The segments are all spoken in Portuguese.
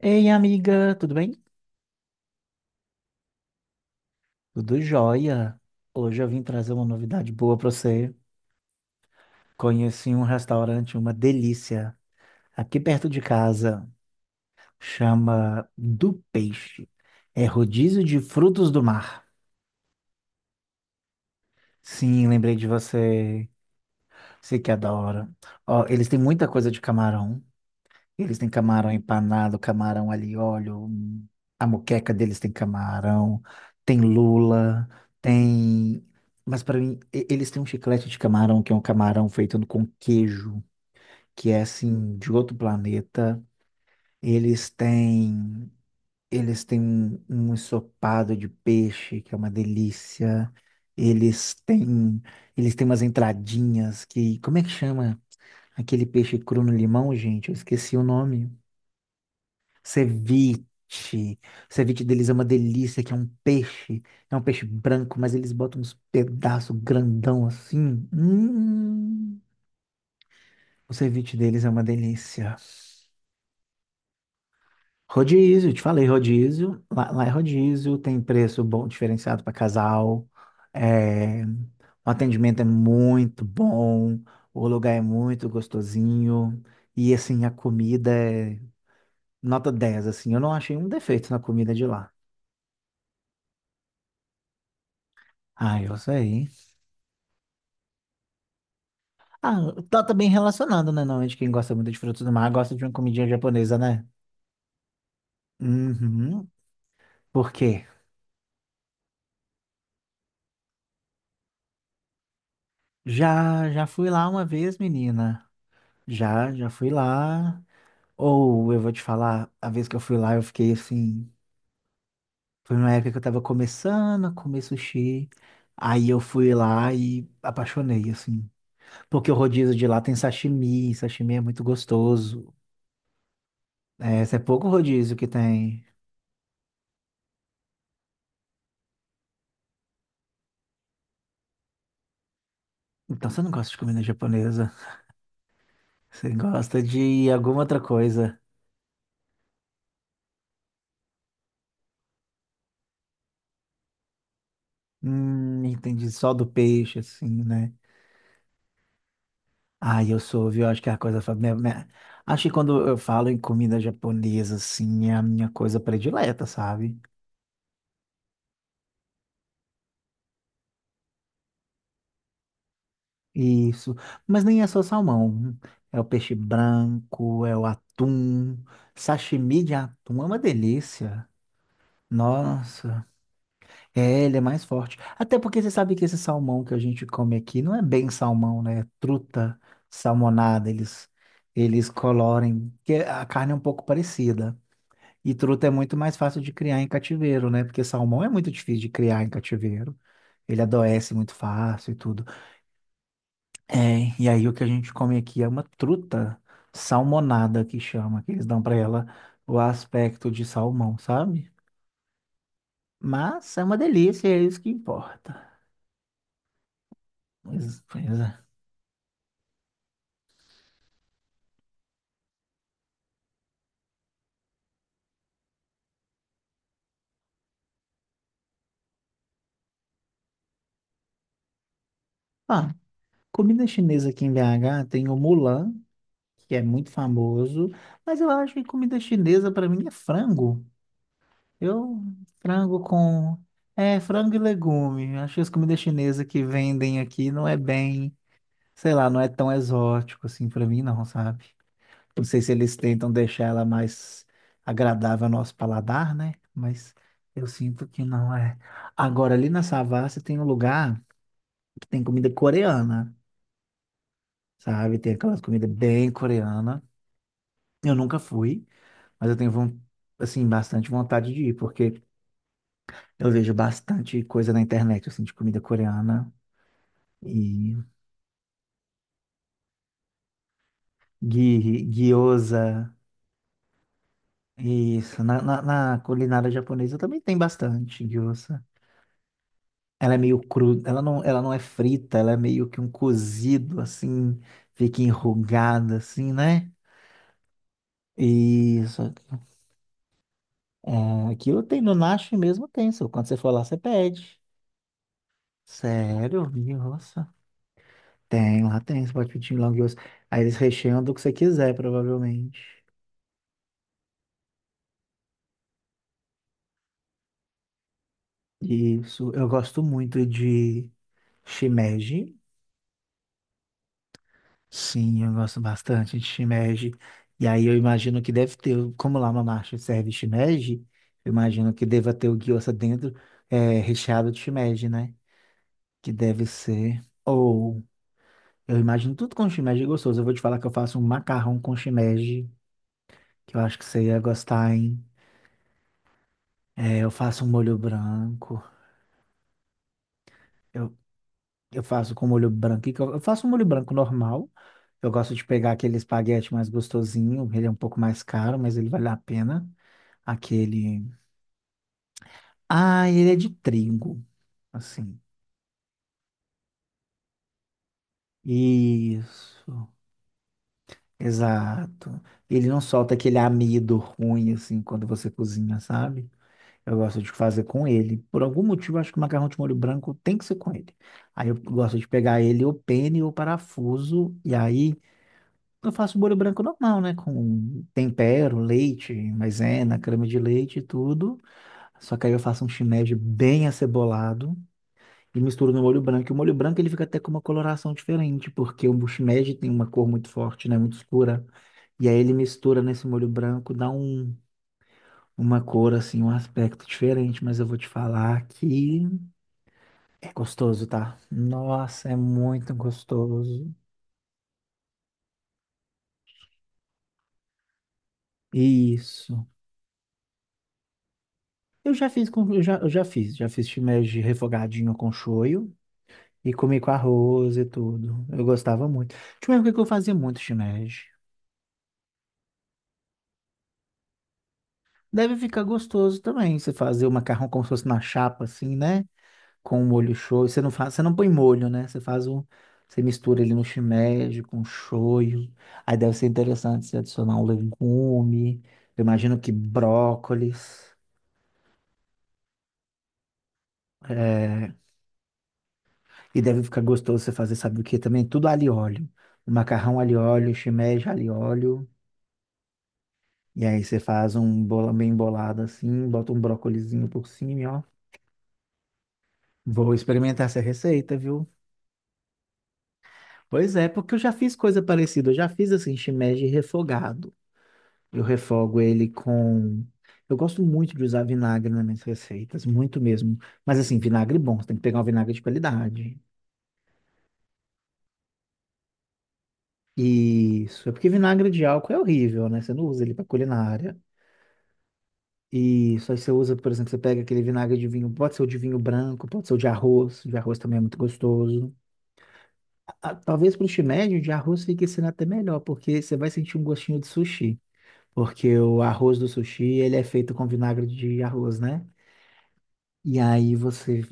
Ei, amiga, tudo bem? Tudo jóia. Hoje eu vim trazer uma novidade boa para você. Conheci um restaurante, uma delícia, aqui perto de casa. Chama Do Peixe. É rodízio de frutos do mar. Sim, lembrei de você. Você que adora. Ó, eles têm muita coisa de camarão. Eles têm camarão empanado, camarão alho e óleo. A moqueca deles tem camarão, tem lula, tem. Mas para mim, eles têm um chiclete de camarão, que é um camarão feito com queijo, que é assim, de outro planeta. Eles têm. Eles têm um ensopado de peixe, que é uma delícia. Eles têm. Eles têm umas entradinhas que. Como é que chama aquele peixe cru no limão, gente? Eu esqueci o nome. Ceviche. O Ceviche deles é uma delícia, que é um peixe. É um peixe branco, mas eles botam uns pedaços grandão assim. O ceviche deles é uma delícia. Rodízio, te falei, rodízio. Lá é rodízio, tem preço bom, diferenciado para casal. É, o atendimento é muito bom, o lugar é muito gostosinho. E assim, a comida é nota 10, assim. Eu não achei um defeito na comida de lá. Ah, eu sei. Ah, tá também relacionado, né? Normalmente quem gosta muito de frutos do mar gosta de uma comidinha japonesa, né? Uhum. Por quê? Já fui lá uma vez, menina. Já fui lá. Ou eu vou te falar, a vez que eu fui lá, eu fiquei assim. Foi numa época que eu tava começando a comer sushi. Aí eu fui lá e apaixonei, assim. Porque o rodízio de lá tem sashimi, sashimi é muito gostoso. É, esse é pouco rodízio que tem. Então você não gosta de comida japonesa. Você gosta de alguma outra coisa? Entendi. Só do peixe, assim, né? Ah, eu sou, viu? Acho que é a coisa. Minha... Acho que quando eu falo em comida japonesa, assim, é a minha coisa predileta, sabe? Isso. Mas nem é só salmão. É o peixe branco, é o atum. Sashimi de atum é uma delícia. Nossa. É, ele é mais forte. Até porque você sabe que esse salmão que a gente come aqui não é bem salmão, né? É truta salmonada, eles colorem, porque a carne é um pouco parecida. E truta é muito mais fácil de criar em cativeiro, né? Porque salmão é muito difícil de criar em cativeiro. Ele adoece muito fácil e tudo. É, e aí o que a gente come aqui é uma truta salmonada que chama, que eles dão pra ela o aspecto de salmão, sabe? Mas é uma delícia, é isso que importa. Pois é. Ah, comida chinesa aqui em BH tem o Mulan, que é muito famoso, mas eu acho que comida chinesa para mim é frango. Eu frango com é frango e legume. Acho que as comidas chinesas que vendem aqui não é bem, sei lá, não é tão exótico assim para mim não, sabe? Não sei se eles tentam deixar ela mais agradável ao nosso paladar, né? Mas eu sinto que não é. Agora ali na Savassi tem um lugar que tem comida coreana. Sabe? Tem aquelas comidas bem coreana. Eu nunca fui, mas eu tenho, assim, bastante vontade de ir, porque eu vejo bastante coisa na internet, assim, de comida coreana e gyoza. Isso, na culinária japonesa também tem bastante gyoza. Ela é meio cru, ela não é frita, ela é meio que um cozido, assim, fica enrugada, assim, né? Isso. É, aquilo tem no Nashi mesmo, tem. Só Quando você for lá, você pede. Sério? Minha roça? Tem, lá tem. Você pode pedir long yours. Aí eles recheiam do que você quiser, provavelmente. Isso. Eu gosto muito de shimeji. Sim, eu gosto bastante de shimeji. E aí eu imagino que deve ter, como lá uma marcha serve shimeji, eu imagino que deva ter o gyoza dentro, é, recheado de shimeji, né? Que deve ser. Ou eu imagino tudo com shimeji gostoso. Eu vou te falar que eu faço um macarrão com shimeji, que eu acho que você ia gostar, hein. É, eu faço um molho branco. Eu, eu faço com molho branco. E que Eu faço um molho branco normal. Eu gosto de pegar aquele espaguete mais gostosinho. Ele é um pouco mais caro, mas ele vale a pena. Aquele. Ah, ele é de trigo, assim. Isso. Exato. Ele não solta aquele amido ruim, assim, quando você cozinha, sabe? Eu gosto de fazer com ele. Por algum motivo, eu acho que o macarrão de molho branco tem que ser com ele. Aí eu gosto de pegar ele, ou pene, ou parafuso, e aí. Eu faço molho branco normal, né? Com tempero, leite, maisena, creme de leite e tudo. Só que aí eu faço um shimeji bem acebolado e misturo no molho branco. E o molho branco ele fica até com uma coloração diferente, porque o shimeji tem uma cor muito forte, né? Muito escura. E aí ele mistura nesse molho branco, dá uma cor assim, um aspecto diferente. Mas eu vou te falar que é gostoso, tá? Nossa, é muito gostoso. Isso. Eu já fiz com, já fiz filé de refogadinho com shoyu e comi com arroz e tudo. Eu gostava muito. Tinha uma época que eu fazia muito shimeji. Deve ficar gostoso também, você fazer o macarrão como se fosse na chapa assim, né? Com o molho shoyu, você não põe molho, né? Você faz o Você mistura ele no shimeji com shoyu. Aí deve ser interessante você adicionar um legume. Eu imagino que brócolis, é. E deve ficar gostoso você fazer, sabe o que também? Tudo alho e óleo. Macarrão alho e óleo, shimeji alho e óleo. E aí você faz um bolão bem bolado assim, bota um brócolizinho por cima, e ó. Vou experimentar essa receita, viu? Pois é, porque eu já fiz coisa parecida. Eu já fiz assim, shimeji refogado. Eu refogo ele com... Eu gosto muito de usar vinagre nas minhas receitas, muito mesmo. Mas assim, vinagre bom, você tem que pegar um vinagre de qualidade. Isso, é porque vinagre de álcool é horrível, né? Você não usa ele para culinária. Isso, aí você usa, por exemplo, você pega aquele vinagre de vinho, pode ser o de vinho branco, pode ser o de arroz também é muito gostoso. Ah, talvez para o shimeji, o de arroz fique sendo até melhor, porque você vai sentir um gostinho de sushi, porque o arroz do sushi, ele é feito com vinagre de arroz, né? E aí você...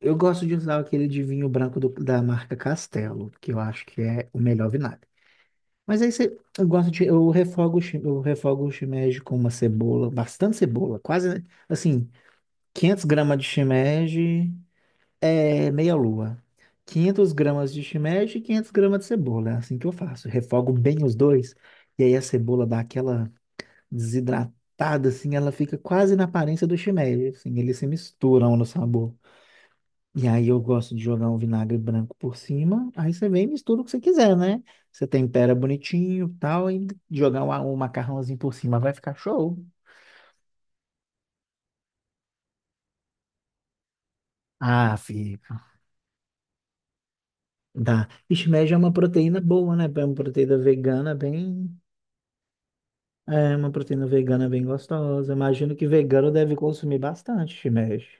Eu gosto de usar aquele de vinho branco da marca Castelo, que eu acho que é o melhor vinagre. Mas aí você, eu gosto de, eu refogo, eu refogo o shimeji com uma cebola, bastante cebola, quase, assim, 500 gramas de shimeji é meia-lua. 500 gramas de shimeji e 500 gramas de cebola. É assim que eu faço. Refogo bem os dois. E aí a cebola dá aquela desidratada, assim, ela fica quase na aparência do shimeji. Assim, eles se misturam no sabor. E aí eu gosto de jogar um vinagre branco por cima. Aí você vem e mistura o que você quiser, né? Você tempera bonitinho e tal, e jogar um macarrãozinho por cima. Vai ficar show. Ah, fica. Dá. Shimeji é uma proteína boa, né? É uma proteína vegana bem. É uma proteína vegana bem gostosa. Imagino que vegano deve consumir bastante shimeji.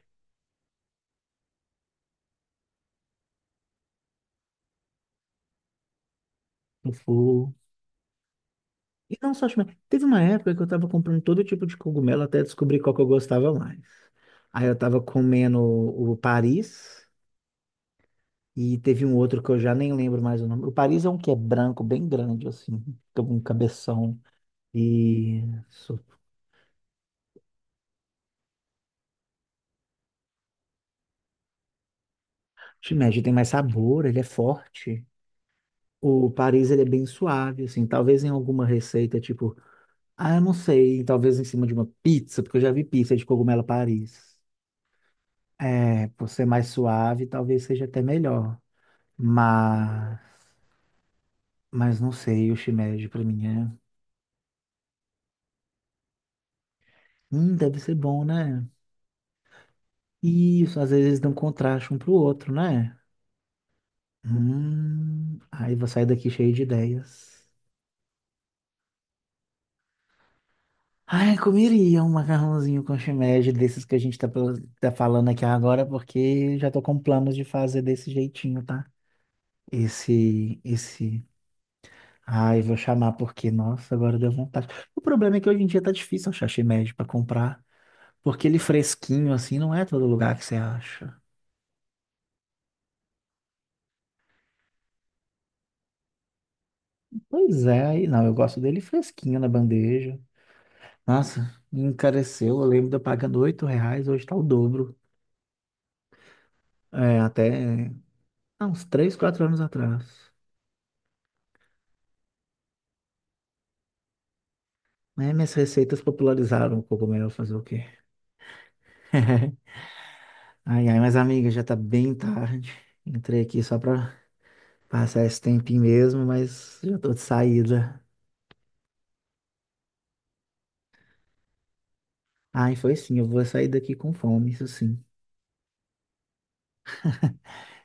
Tofu. E não só shimeji. Teve uma época que eu tava comprando todo tipo de cogumelo até descobrir qual que eu gostava mais. Aí eu tava comendo o Paris e teve um outro que eu já nem lembro mais o nome. O Paris é um que é branco, bem grande, assim, com um cabeção. Isso. Shimeji tem mais sabor, ele é forte. O Paris ele é bem suave, assim, talvez em alguma receita, tipo, ah, eu não sei, talvez em cima de uma pizza, porque eu já vi pizza de cogumelo Paris. É, por ser mais suave, talvez seja até melhor. Mas, mas não sei, o shimeji pra mim é, deve ser bom, né? Isso, às vezes dão contraste um pro outro, né? Aí vou sair daqui cheio de ideias. Ai, comeria um macarrãozinho com shimeji desses que a gente tá, pela- tá falando aqui agora, porque já tô com planos de fazer desse jeitinho, tá? Esse, esse. Ai, vou chamar porque, nossa, agora deu vontade. O problema é que hoje em dia tá difícil achar shimeji pra comprar, porque ele fresquinho assim não é todo lugar que você acha. Pois é, aí não, eu gosto dele fresquinho na bandeja. Nossa, encareceu, eu lembro de eu pagando R$ 8, hoje tá o dobro. É, até há uns 3, 4 anos atrás. Né? Minhas receitas popularizaram o cogumelo, fazer o quê? Mas amiga, já tá bem tarde. Entrei aqui só pra passar esse tempinho mesmo, mas já tô de saída. Ai, foi sim, eu vou sair daqui com fome, isso sim.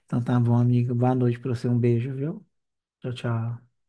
Então tá bom, amiga. Boa noite pra você, um beijo, viu? Tchau, tchau.